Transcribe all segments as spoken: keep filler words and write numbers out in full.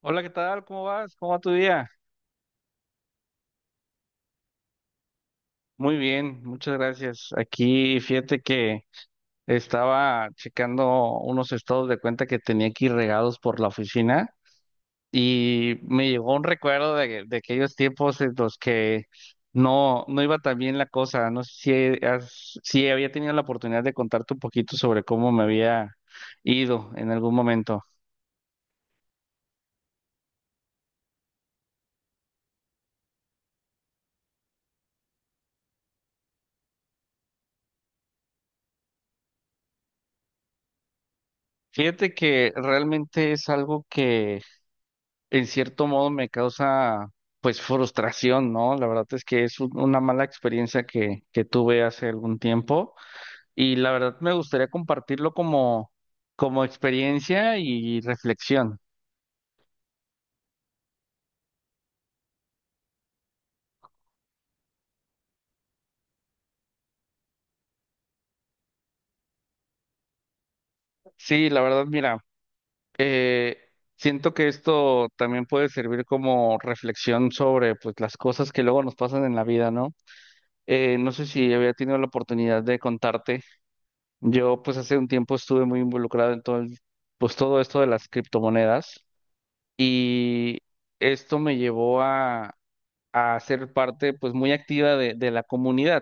Hola, ¿qué tal? ¿Cómo vas? ¿Cómo va tu día? Muy bien, muchas gracias. Aquí fíjate que estaba checando unos estados de cuenta que tenía aquí regados por la oficina y me llegó un recuerdo de, de aquellos tiempos en los que no, no iba tan bien la cosa. No sé si, has- si había tenido la oportunidad de contarte un poquito sobre cómo me había ido en algún momento. Fíjate que realmente es algo que en cierto modo me causa pues frustración, ¿no? La verdad es que es un- una mala experiencia que, que tuve hace algún tiempo y la verdad me gustaría compartirlo como, como experiencia y reflexión. Sí, la verdad, mira, eh, siento que esto también puede servir como reflexión sobre pues las cosas que luego nos pasan en la vida, ¿no? Eh, no sé si había tenido la oportunidad de contarte. Yo pues hace un tiempo estuve muy involucrado en todo el pues todo esto de las criptomonedas y esto me llevó a, a ser parte pues muy activa de, de la comunidad.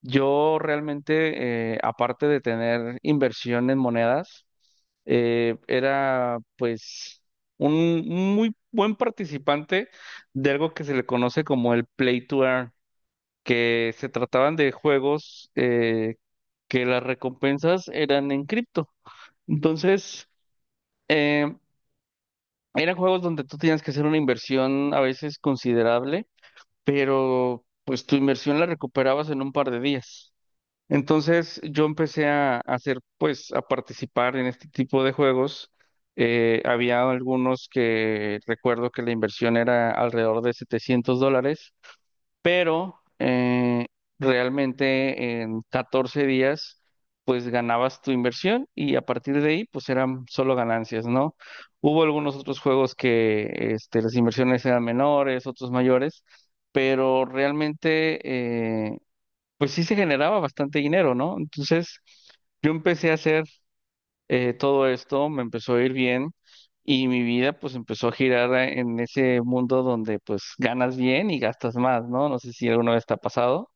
Yo realmente, eh, aparte de tener inversión en monedas, eh, era pues un muy buen participante de algo que se le conoce como el Play to Earn, que se trataban de juegos eh, que las recompensas eran en cripto. Entonces, eh, eran juegos donde tú tenías que hacer una inversión a veces considerable, pero pues tu inversión la recuperabas en un par de días. Entonces yo empecé a, a hacer, pues, a participar en este tipo de juegos. Eh, había algunos que recuerdo que la inversión era alrededor de setecientos dólares, pero eh, realmente en 14 días pues ganabas tu inversión y a partir de ahí pues eran solo ganancias, ¿no? Hubo algunos otros juegos que este, las inversiones eran menores, otros mayores, pero realmente eh, pues sí se generaba bastante dinero, ¿no? Entonces yo empecé a hacer. eh, todo esto me empezó a ir bien y mi vida pues empezó a girar eh, en ese mundo donde pues ganas bien y gastas más, ¿no? No sé si alguna vez te ha pasado.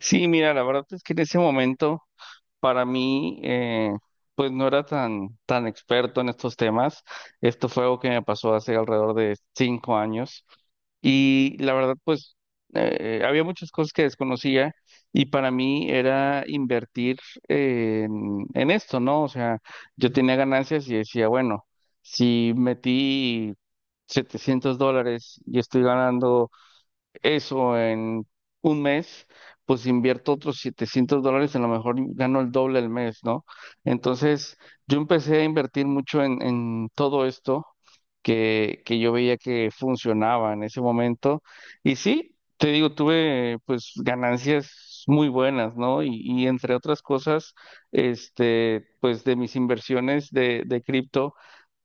Sí, mira, la verdad es que en ese momento para mí, eh, pues no era tan, tan experto en estos temas. Esto fue algo que me pasó hace alrededor de cinco años. Y la verdad, pues eh, eh, había muchas cosas que desconocía y para mí era invertir en, en esto, ¿no? O sea, yo tenía ganancias y decía, bueno, si metí setecientos dólares y estoy ganando eso en un mes, pues invierto otros setecientos dólares, a lo mejor gano el doble el mes, ¿no? Entonces, yo empecé a invertir mucho en, en todo esto que, que yo veía que funcionaba en ese momento. Y sí, te digo, tuve pues ganancias muy buenas, ¿no? Y, y entre otras cosas, este, pues de mis inversiones de, de cripto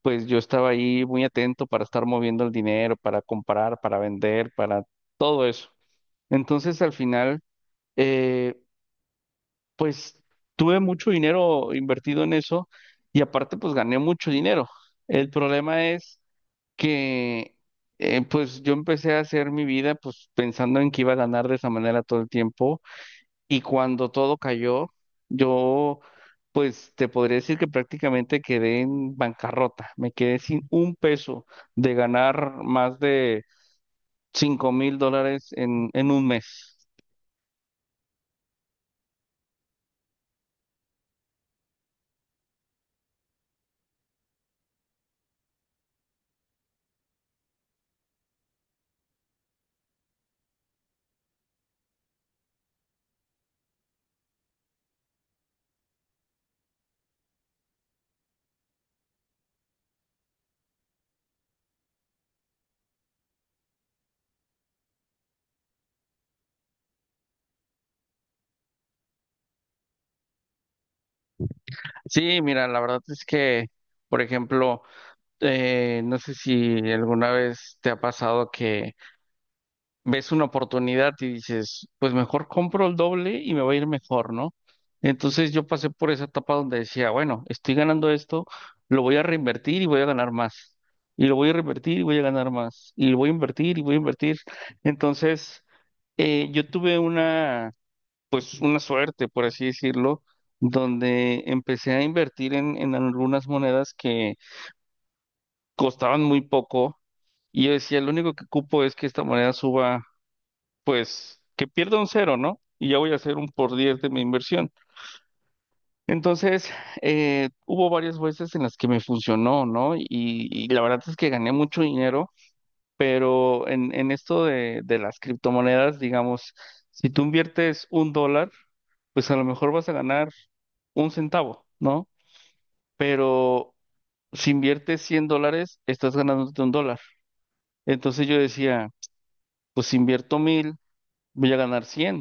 pues yo estaba ahí muy atento para estar moviendo el dinero, para comprar, para vender, para todo eso. Entonces al final, eh, pues tuve mucho dinero invertido en eso y aparte pues gané mucho dinero. El problema es que eh, pues yo empecé a hacer mi vida pues pensando en que iba a ganar de esa manera todo el tiempo, y cuando todo cayó, yo, pues te podría decir que prácticamente quedé en bancarrota. Me quedé sin un peso, de ganar más de cinco mil dólares en, en un mes. Sí, mira, la verdad es que, por ejemplo, eh, no sé si alguna vez te ha pasado que ves una oportunidad y dices, pues mejor compro el doble y me va a ir mejor, ¿no? Entonces yo pasé por esa etapa donde decía, bueno, estoy ganando esto, lo voy a reinvertir y voy a ganar más. Y lo voy a reinvertir y voy a ganar más. Y lo voy a invertir y voy a invertir. Entonces, eh, yo tuve una, una suerte, por así decirlo, donde empecé a invertir en, en algunas monedas que costaban muy poco. Y yo decía, lo único que cupo es que esta moneda suba, pues que pierda un cero, ¿no? Y ya voy a hacer un por diez de mi inversión. Entonces, eh, hubo varias veces en las que me funcionó, ¿no? Y, y la verdad es que gané mucho dinero, pero en, en esto de, de las criptomonedas, digamos, si tú inviertes un dólar, pues a lo mejor vas a ganar un centavo, ¿no? Pero si inviertes cien dólares, estás ganándote un dólar. Entonces yo decía, pues si invierto mil, voy a ganar cien,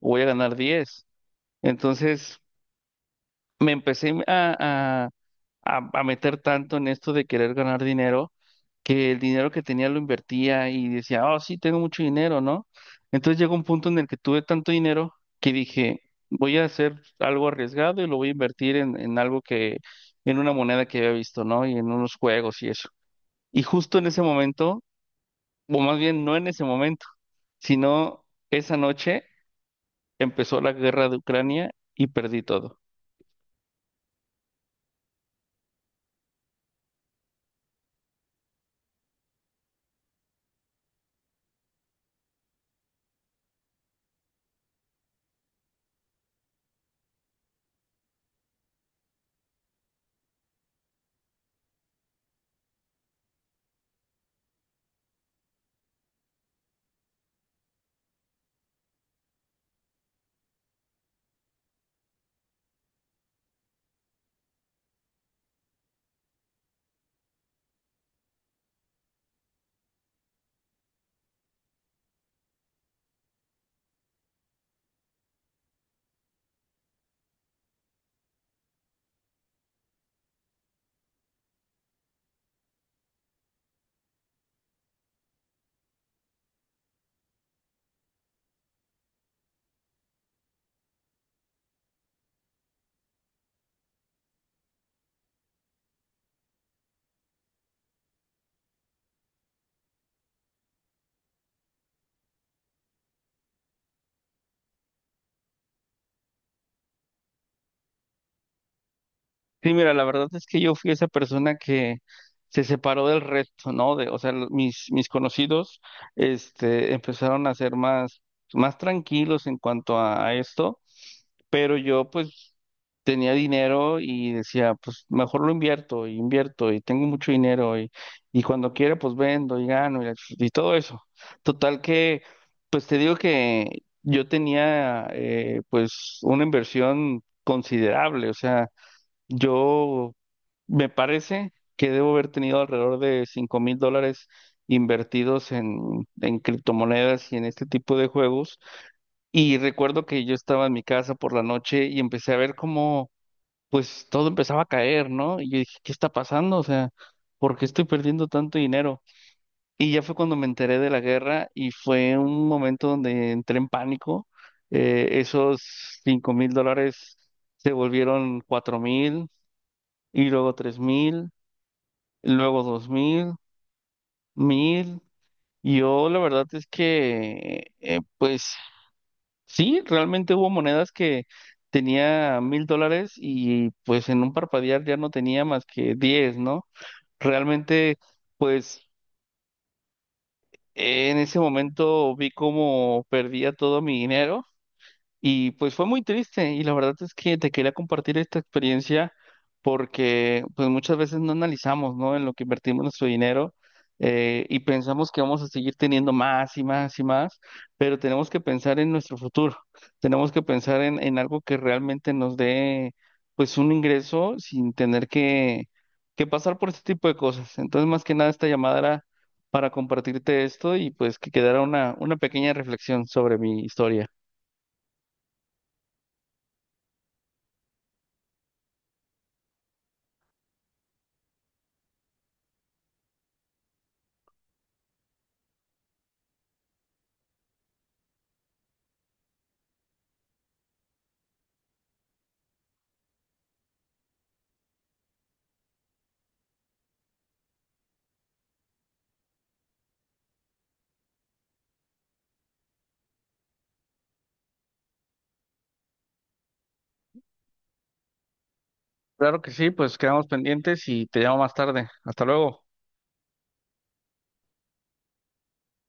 o voy a ganar diez. Entonces me empecé a, a, a a meter tanto en esto de querer ganar dinero, que el dinero que tenía lo invertía y decía, oh, sí, tengo mucho dinero, ¿no? Entonces llegó un punto en el que tuve tanto dinero que dije, voy a hacer algo arriesgado y lo voy a invertir en, en algo que, en una moneda que había visto, ¿no? Y en unos juegos y eso. Y justo en ese momento, o más bien no en ese momento, sino esa noche, empezó la guerra de Ucrania y perdí todo. Sí, mira, la verdad es que yo fui esa persona que se separó del resto, ¿no? De, o sea, lo- mis, mis conocidos, este, empezaron a ser más, más tranquilos en cuanto a, a esto, pero yo, pues, tenía dinero y decía, pues, mejor lo invierto, y invierto, y tengo mucho dinero, y, y cuando quiera, pues, vendo y gano, y, la ch- y todo eso. Total que, pues, te digo que yo tenía, eh, pues, una inversión considerable, o sea, yo me parece que debo haber tenido alrededor de cinco mil dólares invertidos en, en criptomonedas y en este tipo de juegos. Y recuerdo que yo estaba en mi casa por la noche y empecé a ver cómo pues todo empezaba a caer, ¿no? Y yo dije, ¿qué está pasando? O sea, ¿por qué estoy perdiendo tanto dinero? Y ya fue cuando me enteré de la guerra y fue un momento donde entré en pánico. Eh, esos cinco mil dólares se volvieron cuatro mil, y luego tres mil, luego dos mil, mil. Yo la verdad es que, eh, pues sí, realmente hubo monedas que tenía mil dólares y pues en un parpadear ya no tenía más que diez, ¿no? Realmente, pues eh, en ese momento vi cómo perdía todo mi dinero. Y pues fue muy triste y la verdad es que te quería compartir esta experiencia, porque pues muchas veces no analizamos, ¿no?, en lo que invertimos nuestro dinero, eh, y pensamos que vamos a seguir teniendo más y más y más, pero tenemos que pensar en nuestro futuro, tenemos que pensar en, en algo que realmente nos dé pues un ingreso, sin tener que, que pasar por este tipo de cosas. Entonces más que nada esta llamada era para compartirte esto y pues que quedara una, una pequeña reflexión sobre mi historia. Claro que sí, pues quedamos pendientes y te llamo más tarde. Hasta luego.